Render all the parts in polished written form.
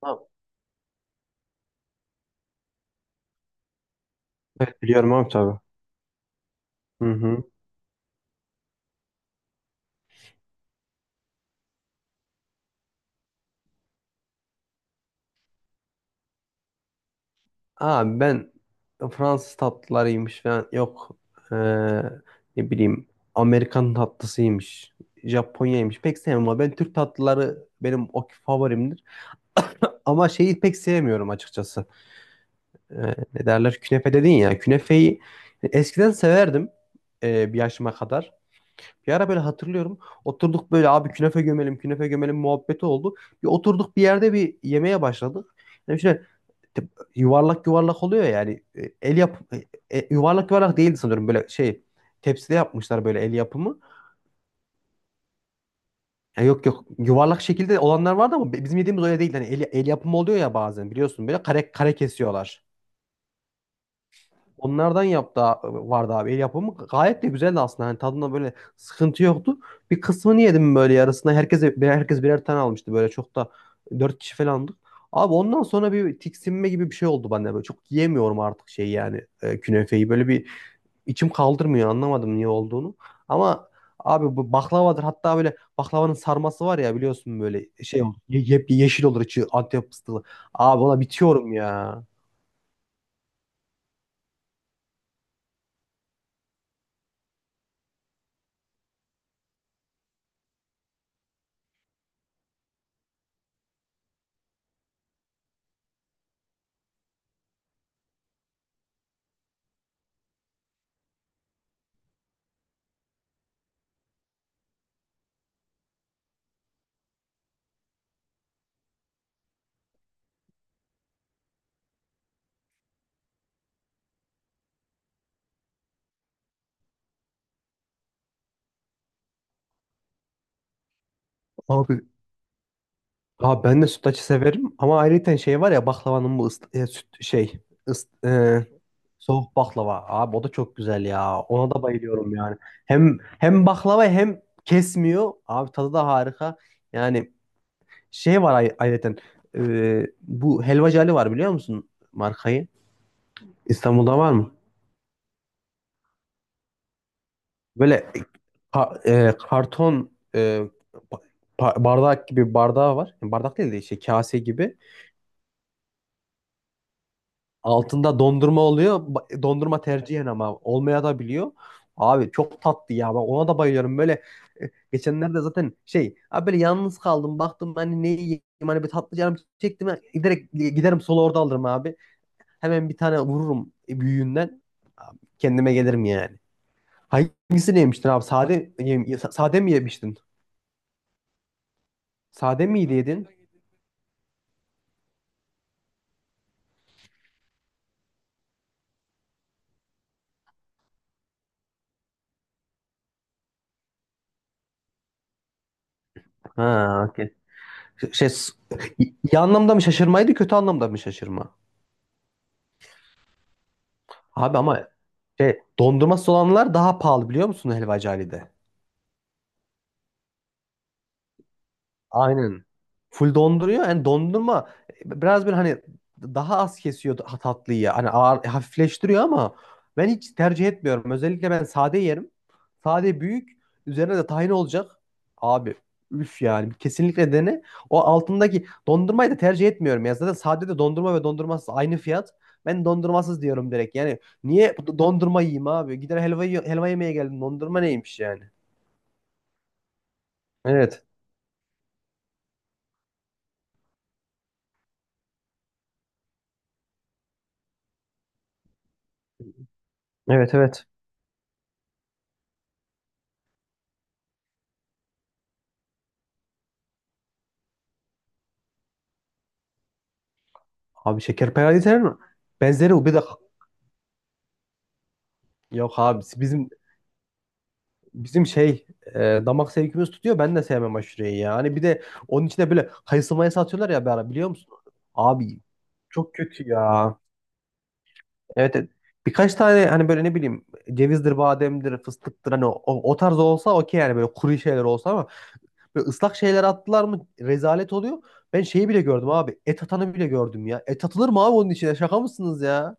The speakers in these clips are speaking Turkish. Tamam. Biliyorum abi tabii. Hı hı. Abi ben Fransız tatlılarıymış falan yok. Ee, ne bileyim, Amerikan tatlısıymış. Japonya'ymış. Pek sevmem ama ben Türk tatlıları benim o favorimdir. Ama şeyi pek sevmiyorum açıkçası. Ee, ne derler? Künefe dedin ya. Künefeyi eskiden severdim bir yaşıma kadar. Bir ara böyle hatırlıyorum. Oturduk böyle abi künefe gömelim, künefe gömelim muhabbeti oldu. Bir oturduk bir yerde bir yemeğe başladık. Yani yuvarlak yuvarlak oluyor ya, yani E, el yap e, e, yuvarlak yuvarlak değildi sanırım, böyle şey tepside yapmışlar, böyle el yapımı. Ya yok yok, yuvarlak şekilde olanlar vardı ama bizim yediğimiz öyle değil. Hani el yapımı oluyor ya bazen, biliyorsun, böyle kare kare kesiyorlar. Onlardan yaptı vardı abi, el yapımı, gayet de güzeldi aslında. Hani tadında böyle sıkıntı yoktu. Bir kısmını yedim böyle, yarısına. Herkes birer tane almıştı, böyle çok da dört kişi falandık. Abi ondan sonra bir tiksinme gibi bir şey oldu bende. Böyle çok yiyemiyorum artık, şey yani künefeyi. Böyle bir İçim kaldırmıyor, anlamadım niye olduğunu. Ama abi bu baklavadır, hatta böyle baklavanın sarması var ya, biliyorsun, böyle şey olur. Yeşil olur içi, Antep fıstıklı. Abi ona bitiyorum ya. Abi, abi ben de sütlaçı severim ama ayrıca şey var ya, baklavanın bu ıs- e, süt şey ıs- e, soğuk baklava. Abi o da çok güzel ya. Ona da bayılıyorum yani. Hem baklava, hem kesmiyor. Abi tadı da harika. Yani şey var, ay ayrıca bu Helvacı Ali var, biliyor musun markayı? İstanbul'da var mı? Böyle karton, ba- bardak gibi, bardağı var. Yani bardak değil de işte kase gibi. Altında dondurma oluyor. Dondurma tercihen ama olmaya da biliyor. Abi çok tatlı ya. Ben ona da bayılıyorum. Böyle geçenlerde zaten şey abi, böyle yalnız kaldım. Baktım hani ne yiyeyim, hani bir tatlı canım çektim. Direkt giderim solo, orada alırım abi. Hemen bir tane vururum büyüğünden. Kendime gelirim yani. Hangisini yemiştin abi? Sade, sade mi yemiştin? Sade miydi yedin? Ha, okey. Şey, iyi anlamda mı şaşırmaydı, kötü anlamda mı şaşırma? Abi ama şey, dondurması olanlar daha pahalı, biliyor musun helvacı Ali'de? Aynen. Full donduruyor. Yani dondurma biraz böyle hani daha az kesiyor tatlıyı. Hani ağır, hafifleştiriyor ama ben hiç tercih etmiyorum. Özellikle ben sade yerim. Sade büyük. Üzerine de tahin olacak. Abi üf yani. Kesinlikle dene. O altındaki dondurmayı da tercih etmiyorum. Ya zaten sade de dondurma ve dondurmasız aynı fiyat. Ben dondurmasız diyorum direkt. Yani niye dondurma yiyeyim abi? Gider helva, helva yemeye geldim. Dondurma neymiş yani? Evet. Evet, evet. Abi şekerpareler mi? Benzeri o, bir de yok abi bizim şey e, damak zevkimiz tutuyor. Ben de sevmem aşureyi yani, bir de onun içine böyle kayısı mayısı atıyorlar ya bir ara, biliyor musun? Abi çok kötü ya. Evet, evet. Birkaç tane hani böyle, ne bileyim, cevizdir, bademdir, fıstıktır, hani o tarz olsa okey yani, böyle kuru şeyler olsa ama böyle ıslak şeyler attılar mı rezalet oluyor. Ben şeyi bile gördüm abi. Et atanı bile gördüm ya. Et atılır mı abi onun içine? Şaka mısınız ya?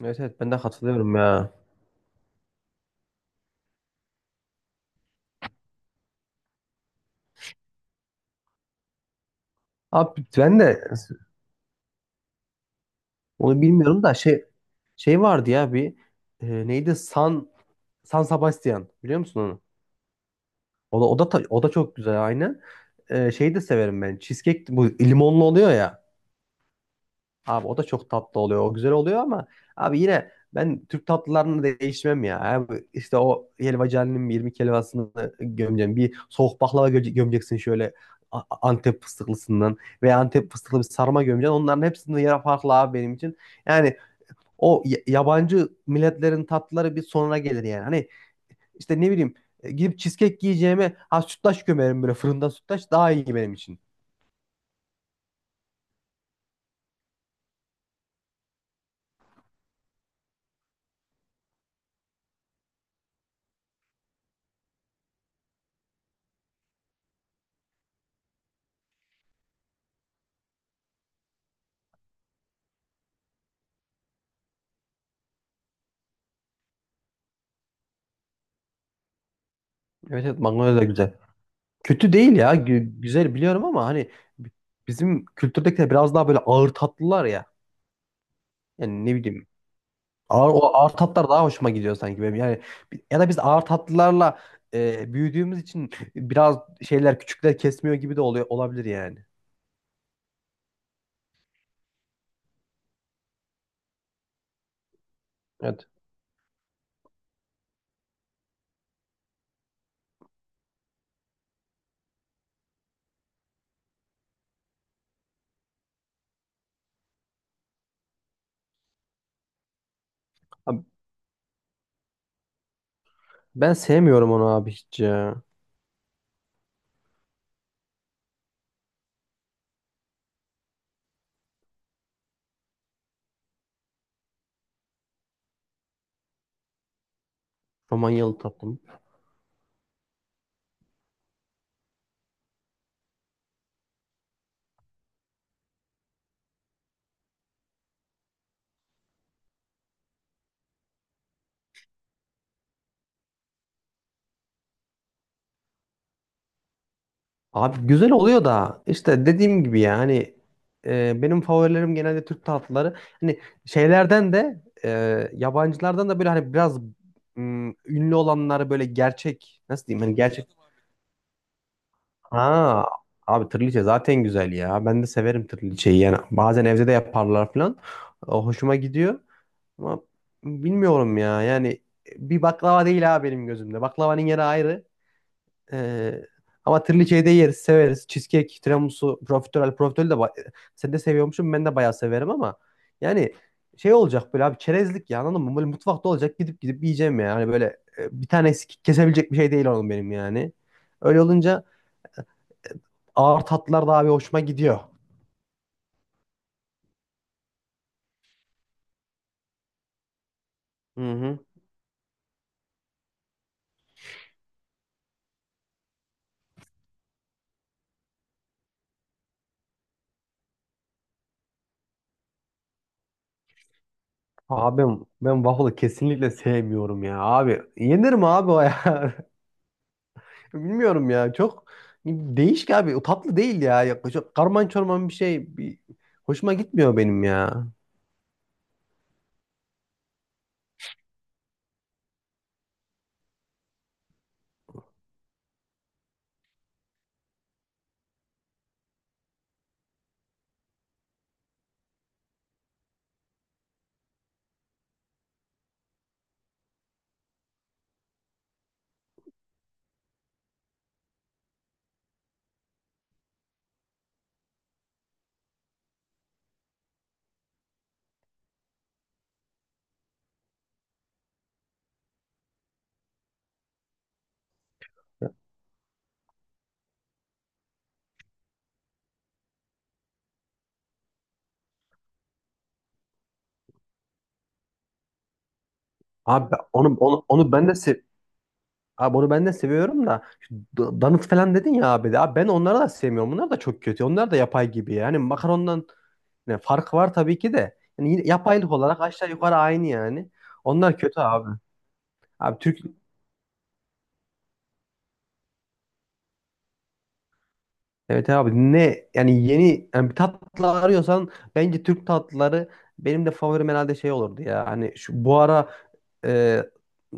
Evet, evet, ben de katılıyorum ya. Abi ben de onu bilmiyorum da şey vardı ya bir, neydi, San Sebastian, biliyor musun onu? O da çok güzel, aynı. Şeyi de severim ben. Cheesecake, bu limonlu oluyor ya. Abi o da çok tatlı oluyor. O güzel oluyor ama abi yine ben Türk tatlılarını değişmem ya. Abi işte o helvacının 20 helvasını gömeceğim. Bir soğuk baklava gömeceksin, şöyle Antep fıstıklısından veya Antep fıstıklı bir sarma gömeceksin. Onların hepsinin yeri farklı abi benim için. Yani yabancı milletlerin tatlıları bir sonra gelir yani. Hani işte ne bileyim, gidip cheesecake yiyeceğime ha, sütlaç gömerim, böyle fırında sütlaç daha iyi benim için. Evet, evet, magnolia da güzel. Kötü değil ya, güzel, biliyorum ama hani b- bizim kültürdekiler biraz daha böyle ağır tatlılar ya. Yani ne bileyim, ağır, o ağır tatlar daha hoşuma gidiyor sanki benim. Yani ya da biz ağır tatlılarla büyüdüğümüz için biraz şeyler küçükler kesmiyor gibi de oluyor, olabilir yani. Evet. Abi ben sevmiyorum onu abi hiç ya. Romanyalı tatlım. Abi güzel oluyor da işte dediğim gibi ya, hani benim favorilerim genelde Türk tatlıları. Hani şeylerden de yabancılardan da böyle, hani biraz ünlü olanlar, böyle gerçek, nasıl diyeyim, hani gerçek. Ha, abi tırliçe zaten güzel ya. Ben de severim tırliçeyi yani, bazen evde de yaparlar falan. O hoşuma gidiyor ama bilmiyorum ya yani, bir baklava değil ha benim gözümde. Baklavanın yeri ayrı. Ee, ama trileçeyi de yeriz, severiz. Cheesecake, tiramisu, profiterol. Profiterol de sen de seviyormuşum, ben de bayağı severim ama yani şey olacak böyle abi, çerezlik ya, anladın mı? Böyle mutfakta olacak, gidip gidip yiyeceğim ya. Hani böyle bir tane eksik kesebilecek bir şey değil onun benim yani. Öyle olunca ağır tatlılar da abi hoşuma gidiyor. Hı hı. Abi ben waffle'ı kesinlikle sevmiyorum ya abi. Yenir mi abi o ya? Bilmiyorum ya, çok değişik abi. O tatlı değil ya. Yaklaşık karman çorman bir şey. Bir... Hoşuma gitmiyor benim ya. Abi ben- onu onu, onu ben de sev Abi onu ben de seviyorum da şu danıt falan dedin ya abi de. Abi ben onları da sevmiyorum. Bunlar da çok kötü. Onlar da yapay gibi. Yani makarondan ne farkı var tabii ki de. Yani yine yapaylık olarak aşağı yukarı aynı yani. Onlar kötü abi. Abi Türk Evet abi, ne yani, yeni yani bir tatlı arıyorsan bence Türk tatlıları, benim de favorim herhalde şey olurdu ya. Hani şu bu ara e,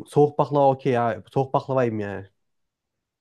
soğuk baklava okey ya. Soğuk baklavayım ya.